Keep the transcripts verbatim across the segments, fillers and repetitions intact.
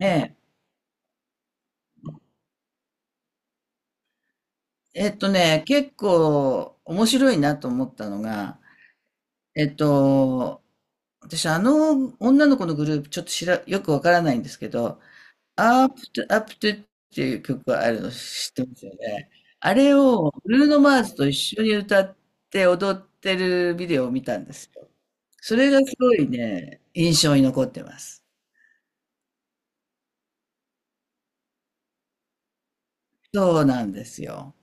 ええ。えっとね、結構面白いなと思ったのが、えっと、私あの女の子のグループちょっと知ら、よくわからないんですけど、アップトゥ、アップトゥっていう曲があるの知ってますよね。あれをブルーノ・マーズと一緒に歌って踊ってるビデオを見たんですよ。それがすごいね、印象に残ってます。そうなんですよ。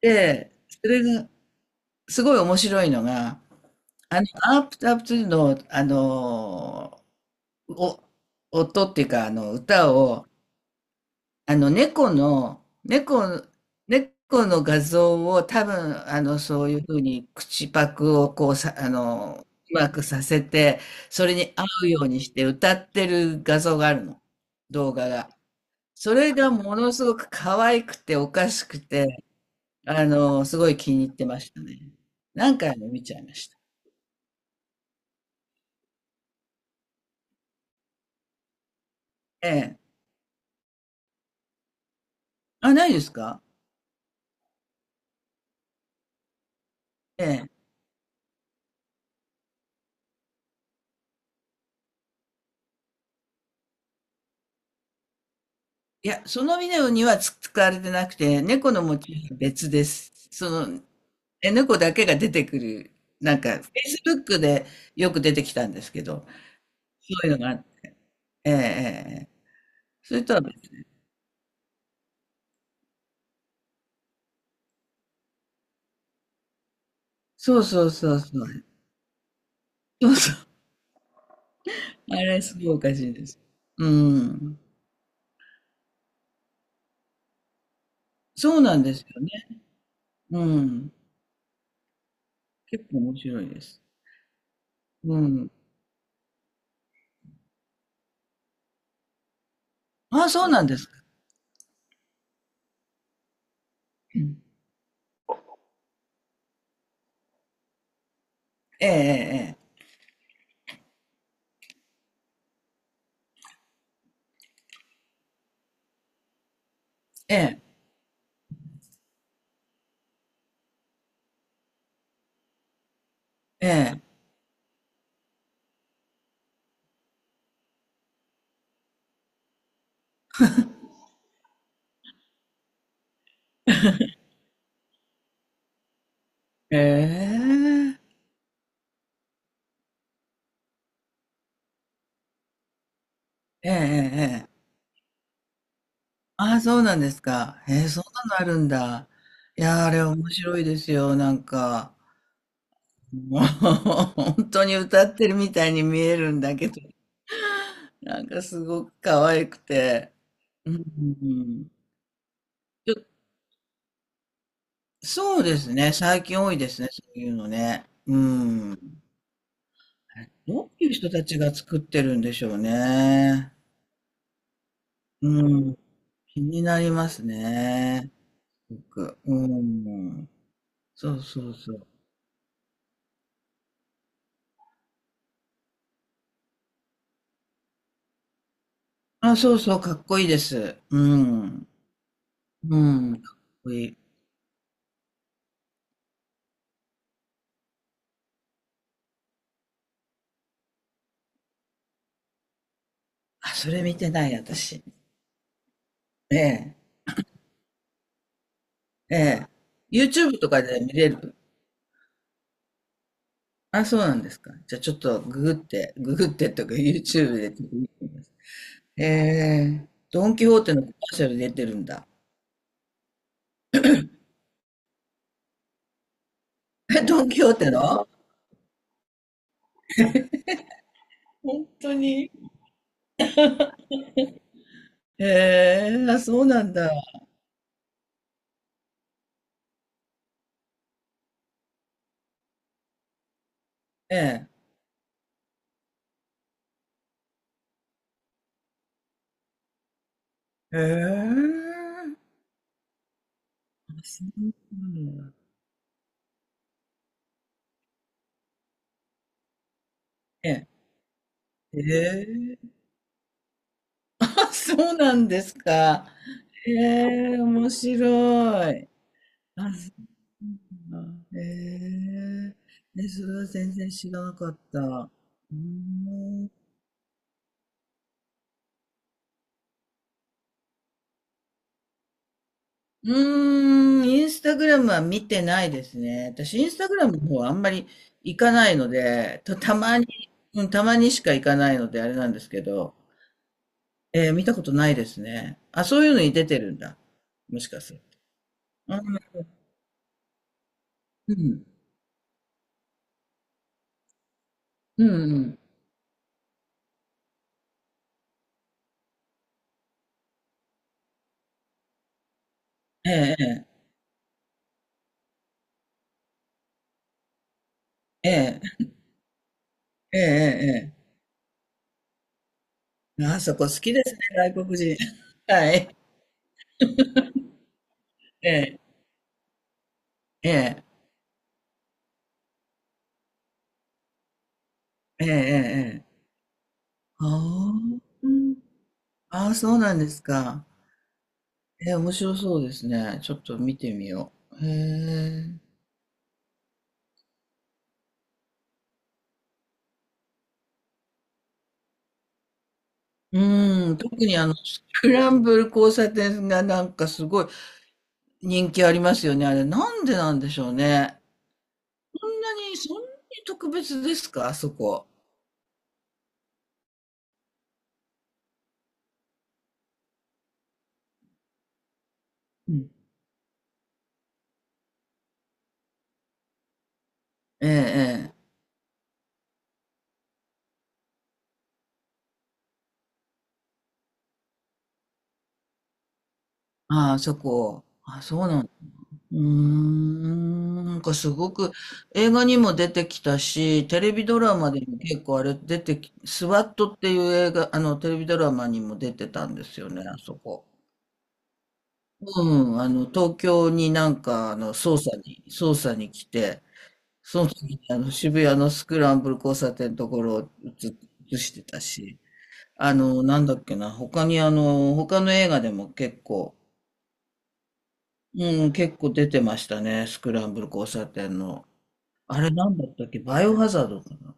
で、それがすごい面白いのが、あの、アープタップの、あの、お、音っていうか、あの、歌を、あの、猫の、猫、猫の画像を多分、あの、そういうふうに口パクをこうさ、あの、うまくさせて、それに合うようにして歌ってる画像があるの、動画が。それがものすごく可愛くておかしくて、あの、すごい気に入ってましたね。何回も見ちゃいました。ええ。あ、ないですか？ええ。いや、そのビデオにはつ使われてなくて、猫のモチーフは別です。その、え、猫だけが出てくる、なんか、Facebook でよく出てきたんですけど、そういうのがあって、ええええええ。それとは別、そうそうそうそう。そうそう。あれ、すごいおかしいです。うん。そうなんですよね。うん。結構面白いです。うん。ああ、そうなんですか。うん。ええええええええええええええええええ。ああ、そうなんですか。へえ、そんなのあるんだ。いやー、あれ面白いですよ。なんか、もう、本当に歌ってるみたいに見えるんだけど、なんかすごく可愛くて。うん、うん。ちょそうですね。最近多いですね。そういうのね。うん。あれどういう人たちが作ってるんでしょうね。うん。気になりますね。すごく。うん。そうそうそう。あ、そうそう、かっこいいです。うん。うん、かっこいい。あ、それ見てない、私。ええ、ええ。YouTube とかで見れる。あ、そうなんですか。じゃあちょっとググって、ググってとか YouTube でちょっと見てみます。ええ、ドンキホーテのコマーシャル出てるんだ。え、ドンキホーテの本当に。ええ、あ、そうなんだ。ええ。ええ。あ、そうなんだ。ええ。ええ。あ、そうなんですか。ええ、面白い。あ、そうなんだ。ええ、ね、それは全然知らなかった。うーん、うーん。インスタグラムは見てないですね。私、インスタグラムの方はあんまり行かないので、た、たまに、うん、たまにしか行かないので、あれなんですけど、えー見たことないですね。あ、そういうのに出てるんだ。もしかすると。うん、うん、うん、うん。ええ、ええ、ええ、ええ、ええ。ええ。あそこ好きですね、外国人。はい。ええ、ええ、ええ、ええ。ああ、うん。ああ、そうなんですか。ええ、面白そうですね。ちょっと見てみよう。へえ。うん、特にあの、スクランブル交差点がなんかすごい人気ありますよね。あれ、なんでなんでしょうね。そんなに、そんなに特別ですか、あそこ。うん。ええ、ええ。ああ、そこ。あ、そうなん。うーん、なんかすごく映画にも出てきたし、テレビドラマでも結構あれ出てき、スワットっていう映画、あのテレビドラマにも出てたんですよね、あそこ。うん、あの東京になんかあの捜査に、捜査に来て、その時にあの渋谷のスクランブル交差点のところを映、映してたし、あの、なんだっけな、他にあの、他の映画でも結構、うん、結構出てましたね、スクランブル交差点の。あれなんだったっけバイオハザードかな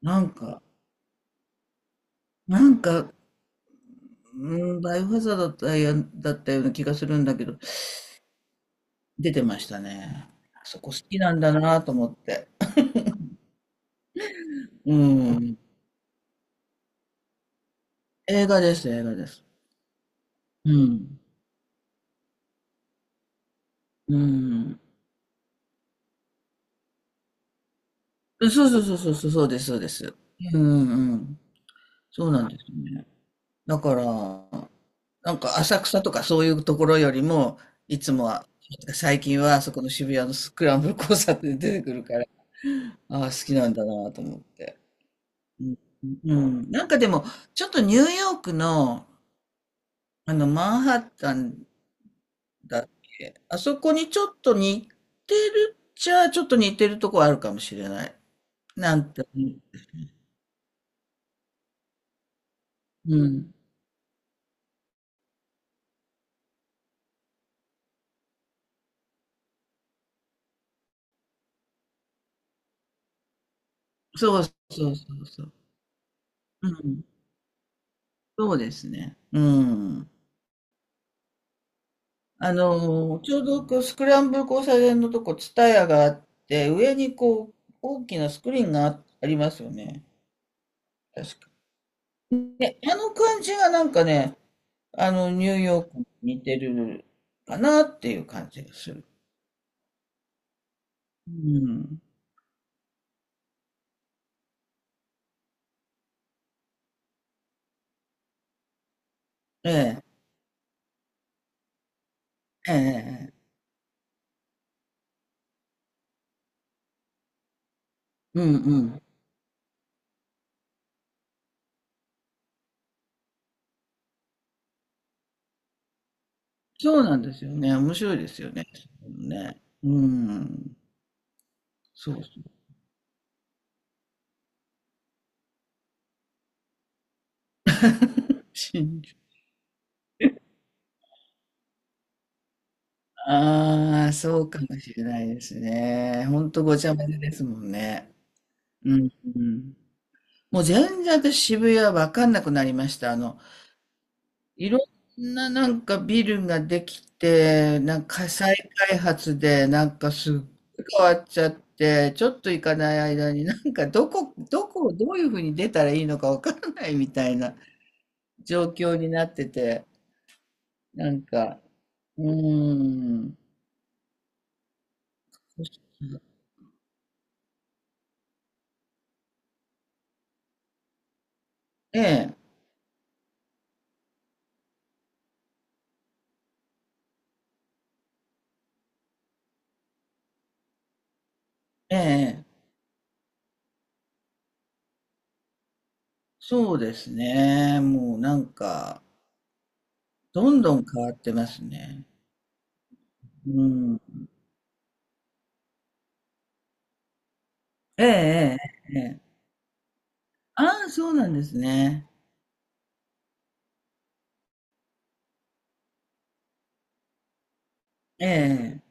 なんか、なんか、うん、バイオハザードだったや、だったような気がするんだけど、出てましたね。あそこ好きなんだなと思って。うん。映画です、映画です。うん。うん。そうそうそうそう、そうです、そうです。うん、うん。そうなんですよね。だから、なんか浅草とかそういうところよりも、いつもは、最近はそこの渋谷のスクランブル交差点で出てくるから、ああ、好きなんだなと思って。うん、うん。なんかでも、ちょっとニューヨークの、あの、マンハッタンだっけ、あそこにちょっと似てるっちゃ、ちょっと似てるとこあるかもしれない。なんて、うん。そうそうそうそう。うん。そうですね。うん。あの、ちょうどこうスクランブル交差点のとこ、ツタヤがあって、上にこう、大きなスクリーンがあ、ありますよね。確か。ね、あの感じがなんかね、あの、ニューヨークに似てるかなっていう感じがする。うん。ええ、ええ、ええ。うん、うん。そうなんですよね。面白いですよね。ね。うん。そうそう。真珠。ああ、そうかもしれないですね。ほんとごちゃ混ぜですもんね。うん、うん。もう全然私渋谷わかんなくなりました。あの、いろんななんかビルができて、なんか再開発で、なんかすっごい変わっちゃって、ちょっと行かない間になんかどこ、どこをどういうふうに出たらいいのかわからないみたいな状況になってて、なんか、うーん。ええ、ええ、そうですね。もうなんか、どんどん変わってますね。うん。ええええええ。ああ、そうなんですね。ええ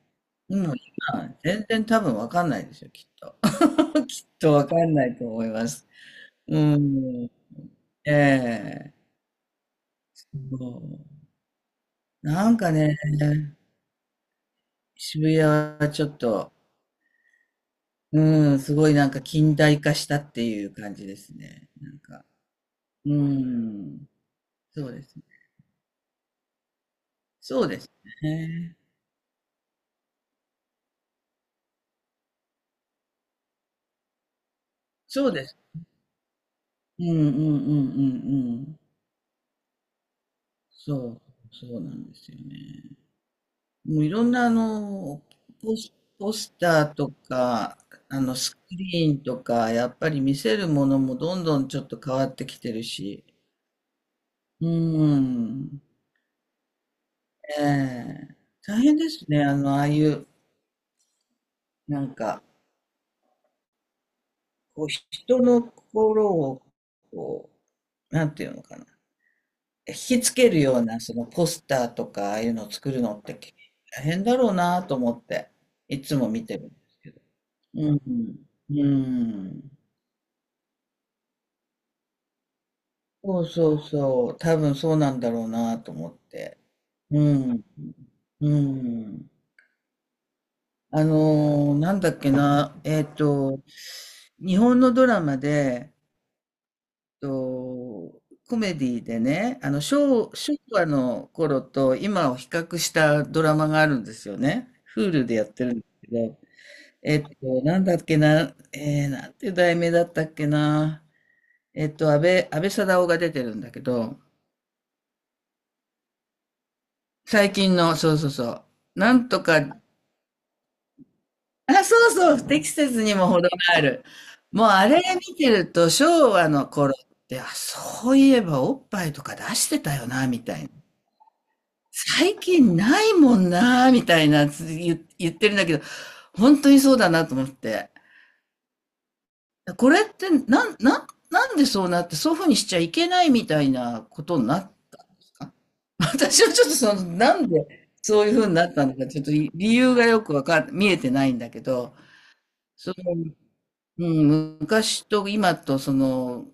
ええ。もう今、全然多分わかんないですよ、きっと。きっとわかんないと思います。うーん。ええ。そう。なんかね、渋谷はちょっと、うーん、すごいなんか近代化したっていう感じですね。なんか。うーん。そうですね。そうですね。そうです。うんうんうんうんうん。そう、そうなんですよね。もういろんなあの、ポス、ポスターとか、あの、スクリーンとか、やっぱり見せるものもどんどんちょっと変わってきてるし。うん。ええ。大変ですね。あの、ああいう、なんか、こう、人の心を、こう、なんていうのかな。引きつけるような、そのポスターとか、ああいうのを作るのって、大変だろうなと思って、いつも見てるんですけど。うん。うん。そうそうそう、多分そうなんだろうなと思って。うん、うん。あのーなんだっけな、えっと、日本のドラマで、と、コメディでね、あの昭、昭和の頃と今を比較したドラマがあるんですよね。Hulu でやってるんですけど、えっと、なんだっけな、えー、なんていう題名だったっけな、えっと、安倍、安倍貞夫が出てるんだけど、最近の、そうそうそう、なんとか あ、そうそう、不適切にも程がある。もうあれ見てると、昭和の頃って、あ、そういえばおっぱいとか出してたよな、みたいな。最近ないもんな、みたいなつ言言ってるんだけど、本当にそうだなと思って。これってなん、なん、なんでそうなって、そういう風にしちゃいけないみたいなことになった私はちょっとその、なんでそういう風になったのか、ちょっと理理由がよくわかん見えてないんだけど、そのうん、昔と今とその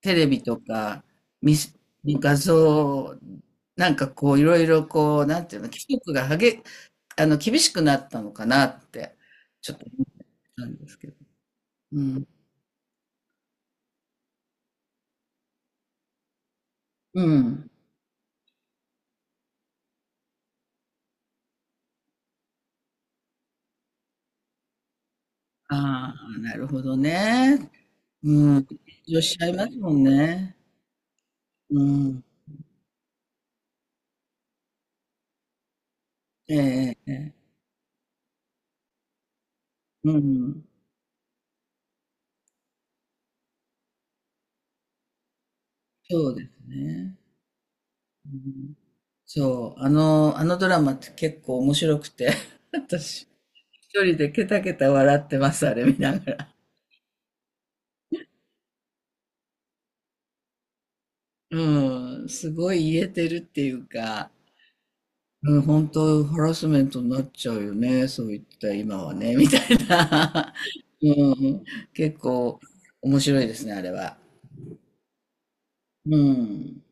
テレビとか見せ画像なんかこういろいろこうなんていうの規則がはげあの厳しくなったのかなってちょっと思ったんですけど。うん。うん。ああ、なるほどね。うん。緊張しちゃいますもんね。うん。ええええ。うん。そうですね。うん、そう、あの、あのドラマって結構面白くて 私。一人でケタケタ笑ってます、あれ見ながら。うん、すごい言えてるっていうか、うん、本当ハラスメントになっちゃうよね、そういった今はね、みたいな。うん、結構面白いですね、あれは。うん。